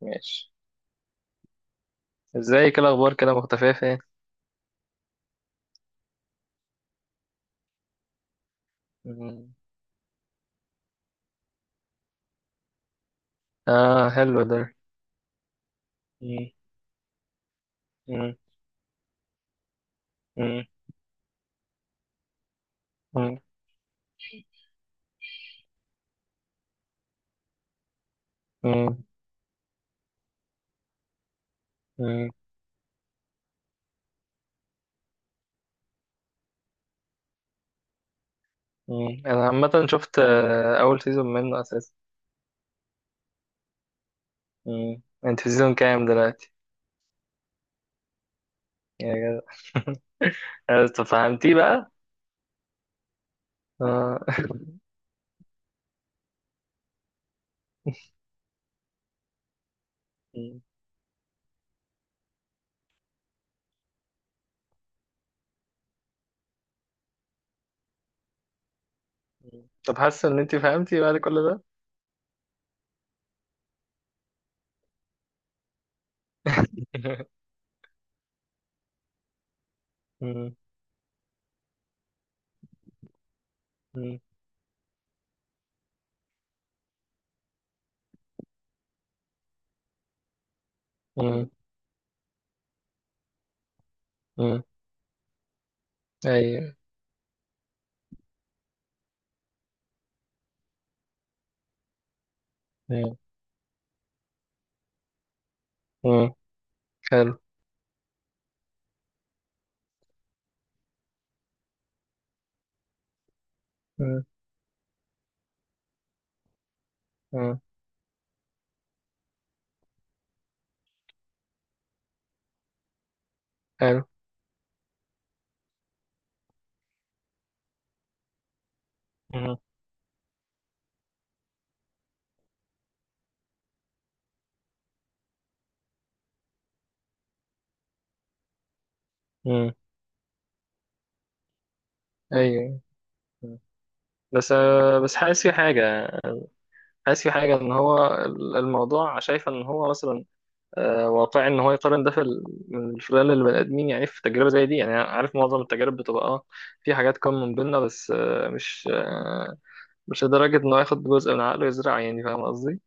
ماشي. ازاي كده، اخبار كده مختفية فين؟ مم. اه، حلو ده. مم. مم. مم. مم. مم. مم. مم. انا عامة شفت، اول سيزون منه اساسا. مم. انت في سيزون كام دلوقتي؟ يا جدع. آه، طب فهمتيه بقى؟ اه. مم. مم. طب حاسة ان انت فهمتي بعد كل ده؟ مم. مم. مم. مم. ايوه. مم. مم. حلو. مم. مم. حلو. مم. مم. ايوه. مم. بس حاسس في حاجة. حاسس في حاجة إن هو الموضوع شايف إن هو مثلا واقعي، إن هو يقارن ده من خلال البني آدمين، يعني في تجربة زي دي. يعني أنا عارف معظم التجارب بتبقى في حاجات common بينا، بس مش، مش لدرجة إنه ياخد جزء من عقله يزرع، يعني فاهم قصدي؟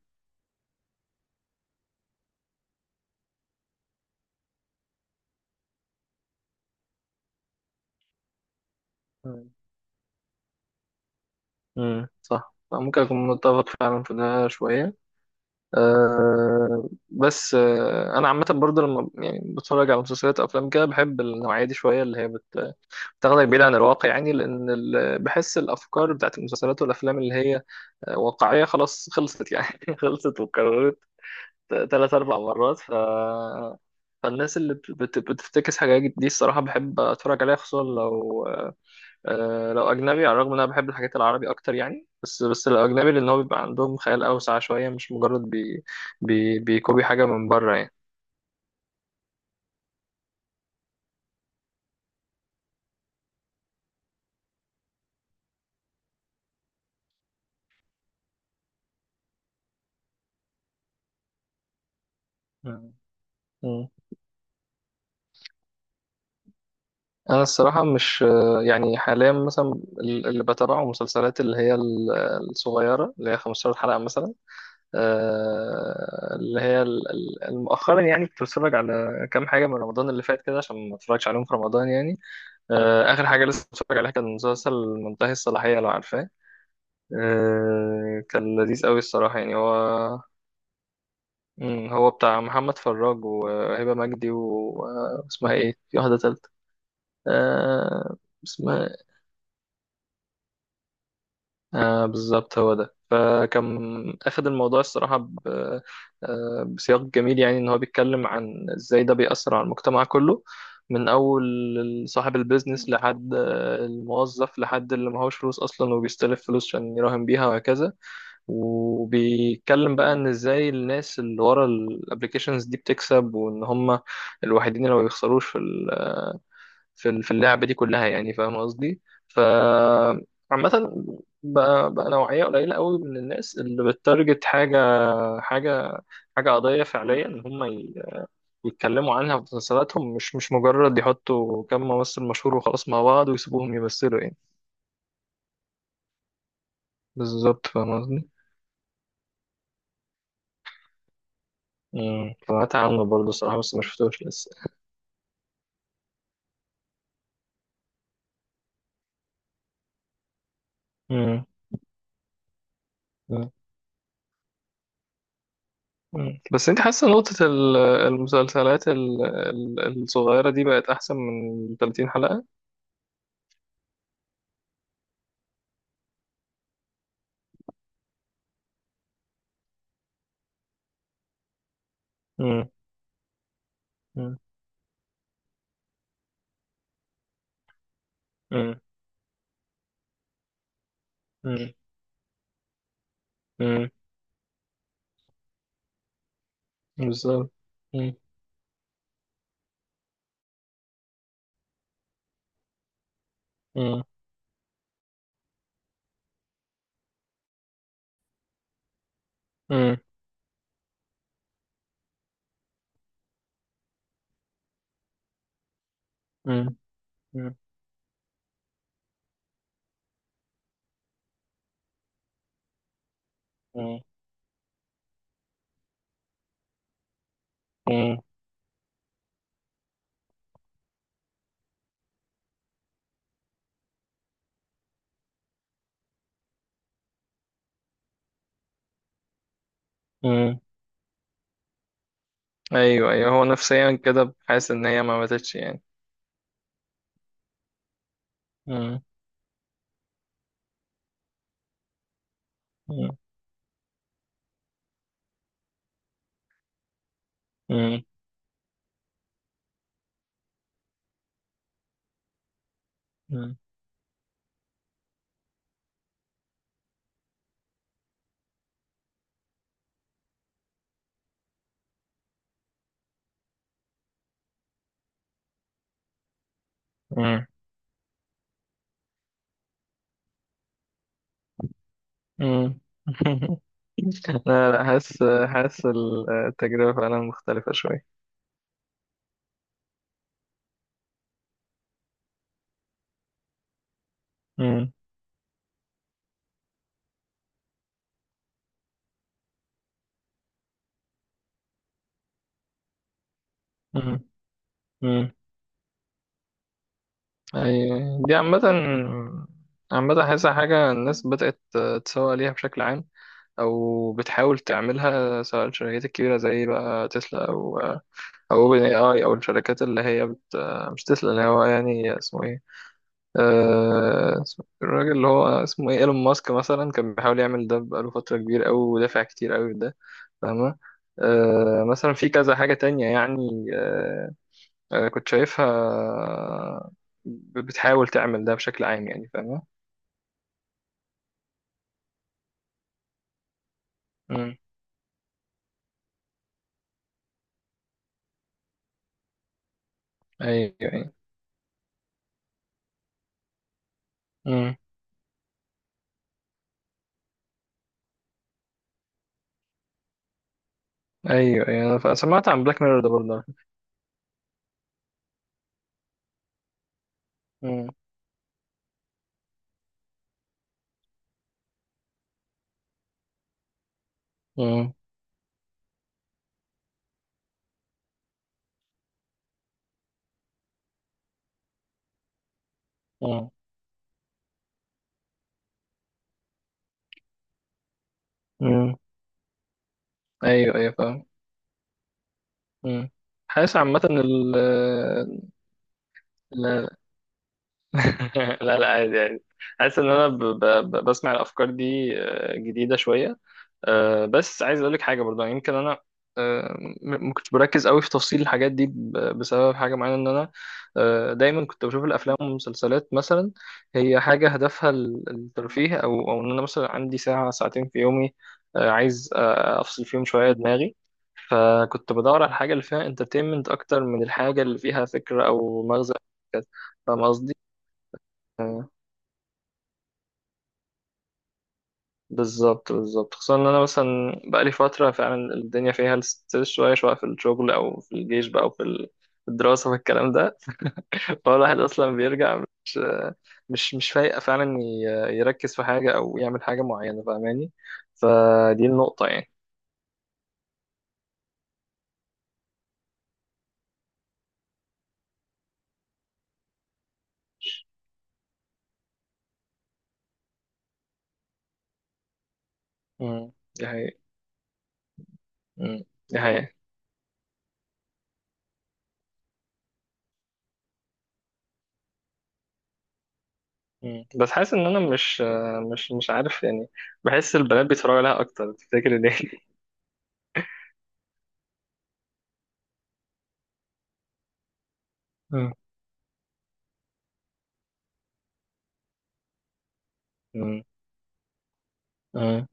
مم. صح، ممكن أكون متفق فعلا في ده شوية. بس أنا عامة برضه، لما يعني بتفرج على مسلسلات أو أفلام كده بحب النوعية دي شوية، اللي هي تاخدك بعيد عن الواقع، يعني بحس الافكار بتاعت المسلسلات والافلام اللي هي واقعيه، خلاص خلصت يعني. خلصت واتكررت ثلاث اربع مرات. فالناس اللي بتفتكس حاجات دي، الصراحه بحب اتفرج عليها، خصوصا لو لو اجنبي. على الرغم ان انا بحب الحاجات العربي اكتر، يعني بس بس الاجنبي لان هو بيبقى عندهم خيال اوسع شويه، مش مجرد بيكوبي حاجه من بره يعني. مم. انا الصراحه مش، يعني حاليا مثلا اللي بتابعه مسلسلات، اللي هي الصغيره، اللي هي 15 حلقه مثلا. اللي هي مؤخرا، يعني كنت بتفرج على كام حاجه من رمضان اللي فات كده عشان ما اتفرجش عليهم في رمضان يعني. اخر حاجه لسه بتفرج عليها كان مسلسل منتهي الصلاحيه، لو عارفاه. كان لذيذ قوي الصراحه، يعني هو. هو بتاع محمد فراج وهبه مجدي واسمها ايه، في واحده تالته. آه، اسمها، آه، بالظبط هو ده. فكان أخد الموضوع الصراحة، بسياق جميل، يعني إن هو بيتكلم عن إزاي ده بيأثر على المجتمع كله، من أول صاحب البيزنس لحد الموظف، لحد اللي معهوش فلوس أصلا وبيستلف فلوس عشان يراهن بيها وهكذا. وبيتكلم بقى إن إزاي الناس اللي ورا الأبليكيشنز دي بتكسب، وإن هم الوحيدين اللي ما بيخسروش في اللعبة دي كلها، يعني فاهم قصدي. ف عامة، بقى نوعية قليلة قوي من الناس اللي بتارجت حاجة حاجة قضية فعليا، إن هم يتكلموا عنها في مسلسلاتهم، مش مجرد يحطوا كم ممثل مشهور وخلاص مع بعض ويسيبوهم يمثلوا يعني. بالظبط، فاهم قصدي؟ سمعت عنه برضه الصراحة، بس ما شفتوش لسه. امم. أمم. أمم. بس انت حاسة نقطة المسلسلات الصغيرة دي بقت أحسن من 30 حلقة؟ امم. مم. مم. مم. بالظبط. مم. مم. مم. مم. مم. مم. مم. ايوه، ايوه، هو نفسيا كده حاسس ان هي ما ماتتش يعني. مم. مم. مم. مم. مم. مم. لا، لا، حاسس التجربة فعلا مختلفة شوية. مم. مم. مم. أي. دي عامة حاسسها حاجة الناس بدأت تسوق ليها بشكل عام، او بتحاول تعملها، سواء الشركات الكبيره زي بقى تسلا، او اوبن اي اي، او الشركات اللي هي مش تسلا، اللي هو يعني اسمه ايه، الراجل اللي هو اسمه ايه، ايلون ماسك مثلا كان بيحاول يعمل ده بقاله فتره كبيره قوي، ودافع كتير قوي ده، فاهمه. مثلا في كذا حاجه تانية، يعني كنت شايفها بتحاول تعمل ده بشكل عام، يعني فاهمه. مم. ايوه، ايوه. مم. ايوه، ايوه، انا سمعت عن بلاك ميرور ده برضه. مم. مم. مم. ايوه، ايوه، فاهم. مم. حاسس عامة لا. لا، لا، عادي، عادي. حاسس ان انا بسمع الافكار دي، جديدة شوية. بس عايز اقول لك حاجه برضه، يعني يمكن انا، آه، ما كنتش بركز قوي في تفصيل الحاجات دي بسبب حاجه معينه، ان انا دايما كنت بشوف الافلام والمسلسلات، مثلا هي حاجه هدفها الترفيه، او ان انا مثلا عندي ساعه ساعتين في يومي، عايز افصل فيهم شويه دماغي. فكنت بدور على الحاجه اللي فيها انترتينمنت اكتر من الحاجه اللي فيها فكره او مغزى، فاهم قصدي. بالظبط، بالظبط، خصوصا ان انا مثلا بقالي فتره فعلا الدنيا فيها الستريس، شويه شويه، في الشغل او في الجيش بقى، او في الدراسه في الكلام ده. فهو الواحد اصلا بيرجع مش، مش فايق فعلا يركز في حاجه، او يعمل حاجه معينه، فاهماني. فدي النقطه يعني. دي حقيقة. امم دي حقيقة. بس حاسس ان انا مش عارف، يعني بحس البنات بيتفرجوا عليها اكتر، تفتكر ليه؟ امم. امم. أمم.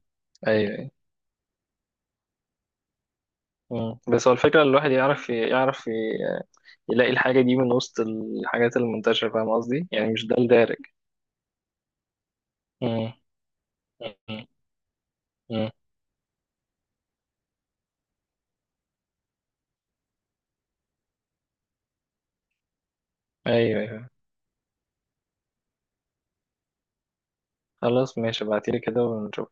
ايوه. مم. بس هو الفكرة إن الواحد يعرف، يلاقي الحاجة دي من وسط الحاجات المنتشرة، فاهم قصدي؟ يعني مش ده الدارج. مم. مم. مم. أيوه، أيوه. خلاص ماشي، ابعتيلي كده ونشوف.